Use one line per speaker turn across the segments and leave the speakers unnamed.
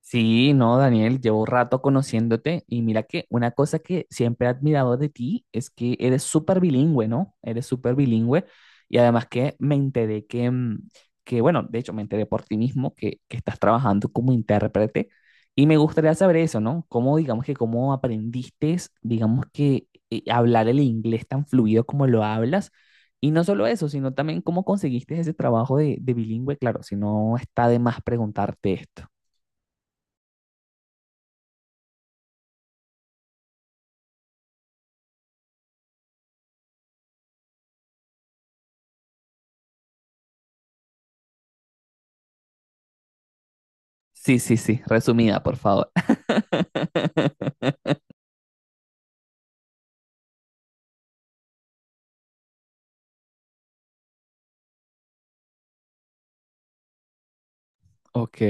Sí, no, Daniel, llevo rato conociéndote y mira que una cosa que siempre he admirado de ti es que eres súper bilingüe, ¿no? Eres súper bilingüe y además que me enteré que, bueno, de hecho me enteré por ti mismo que estás trabajando como intérprete y me gustaría saber eso, ¿no? ¿Cómo, digamos que, cómo aprendiste, digamos que, hablar el inglés tan fluido como lo hablas? Y no solo eso, sino también cómo conseguiste ese trabajo de bilingüe, claro, si no está de más preguntarte esto. Sí, sí, sí, resumida, por favor. Ok.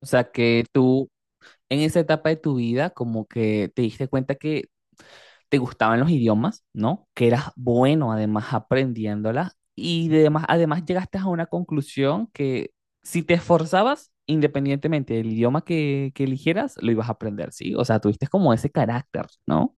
O sea que tú en esa etapa de tu vida como que te diste cuenta que te gustaban los idiomas, ¿no? Que eras bueno además aprendiéndolas y además llegaste a una conclusión que si te esforzabas, independientemente del idioma que eligieras, lo ibas a aprender, ¿sí? O sea, tuviste como ese carácter, ¿no?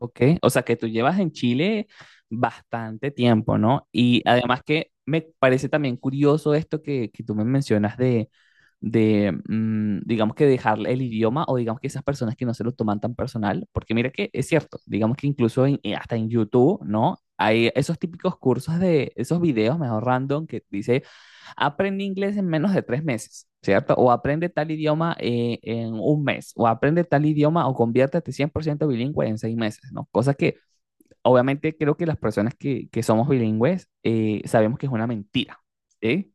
Ok, o sea que tú llevas en Chile bastante tiempo, ¿no? Y además que me parece también curioso esto que tú me mencionas digamos que dejar el idioma o digamos que esas personas que no se lo toman tan personal, porque mira que es cierto, digamos que incluso hasta en YouTube, ¿no? Hay esos típicos cursos de esos videos, mejor random, que dice aprende inglés en menos de 3 meses, ¿cierto? O aprende tal idioma en un mes, o aprende tal idioma o conviértete 100% bilingüe en 6 meses, ¿no? Cosa que obviamente creo que las personas que somos bilingües sabemos que es una mentira, ¿sí?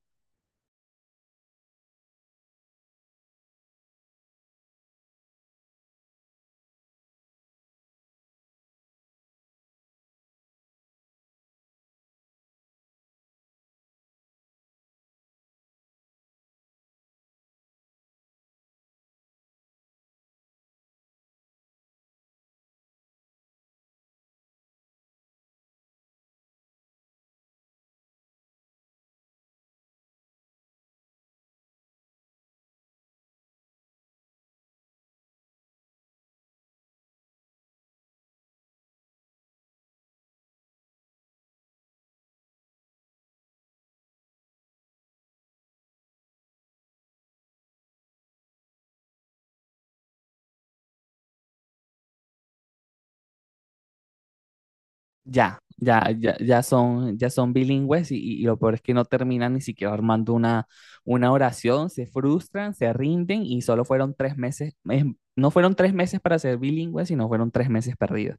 Ya, ya, ya, ya son bilingües y lo peor es que no terminan ni siquiera armando una oración, se frustran, se rinden y solo fueron 3 meses, no fueron 3 meses para ser bilingües, sino fueron 3 meses perdidos.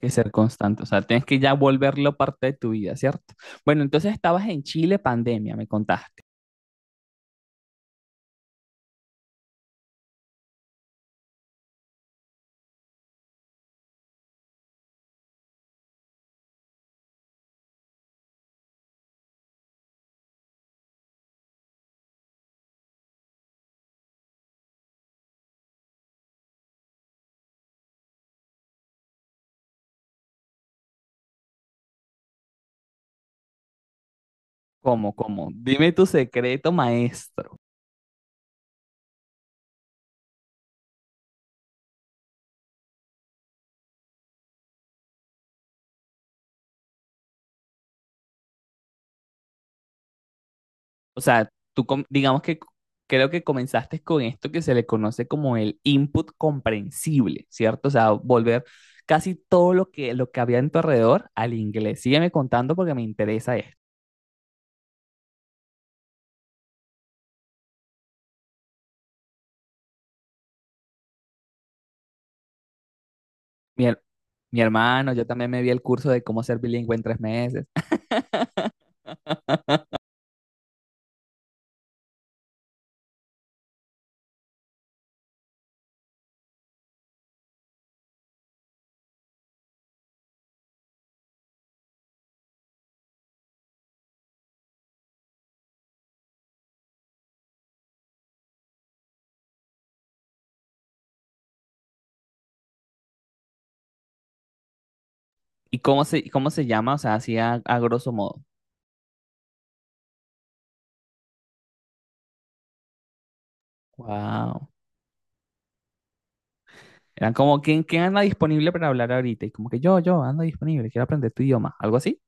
Que ser constante, o sea, tienes que ya volverlo parte de tu vida, ¿cierto? Bueno, entonces estabas en Chile, pandemia, me contaste. ¿Cómo, cómo? Dime tu secreto, maestro. O sea, tú com- digamos que c- creo que comenzaste con esto que se le conoce como el input comprensible, ¿cierto? O sea, volver casi todo lo que había en tu alrededor al inglés. Sígueme contando porque me interesa esto. Mi, her- Mi hermano, yo también me vi el curso de cómo ser bilingüe en 3 meses. ¿Y cómo se llama? O sea, así a grosso modo. Wow. Eran como, quién anda disponible para hablar ahorita? Y como que yo ando disponible, quiero aprender tu idioma, algo así.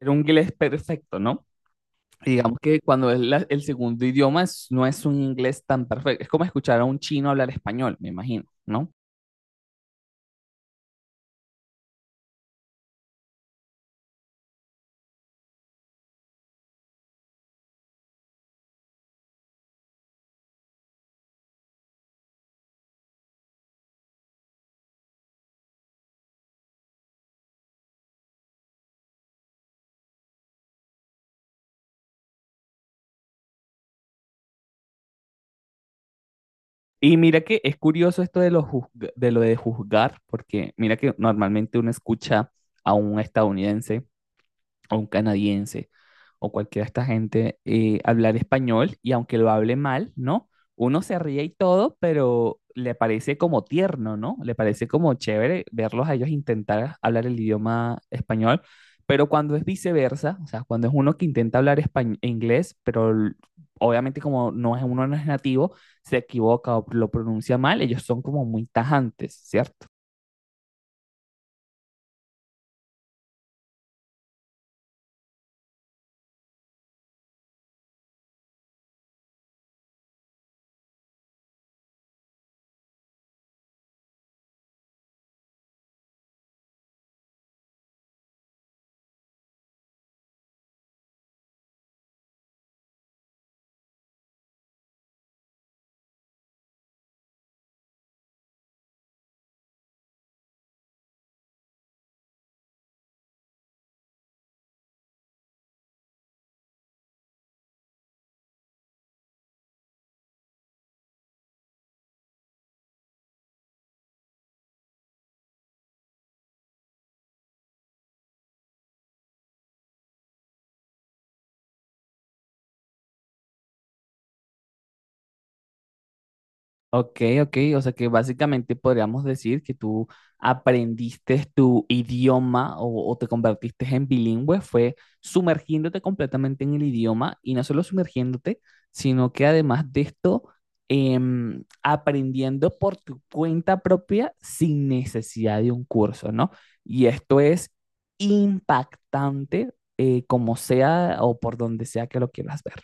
Era un inglés perfecto, ¿no? Y digamos que cuando el segundo no es un inglés tan perfecto, es como escuchar a un chino hablar español, me imagino, ¿no? Y mira que es curioso esto de lo de juzgar, porque mira que normalmente uno escucha a un estadounidense o un canadiense o cualquiera de esta gente hablar español y aunque lo hable mal, ¿no? Uno se ríe y todo, pero le parece como tierno, ¿no? Le parece como chévere verlos a ellos intentar hablar el idioma español, pero cuando es viceversa, o sea, cuando es uno que intenta hablar inglés, obviamente como no es uno no es nativo, se equivoca o lo pronuncia mal, ellos son como muy tajantes, ¿cierto? Ok, ok, o sea que básicamente podríamos decir que tú aprendiste tu idioma o te convertiste en bilingüe, fue sumergiéndote completamente en el idioma y no solo sumergiéndote, sino que además de esto, em, aprendiendo por tu cuenta propia sin necesidad de un curso, ¿no? Y esto es impactante, como sea o por donde sea que lo quieras ver.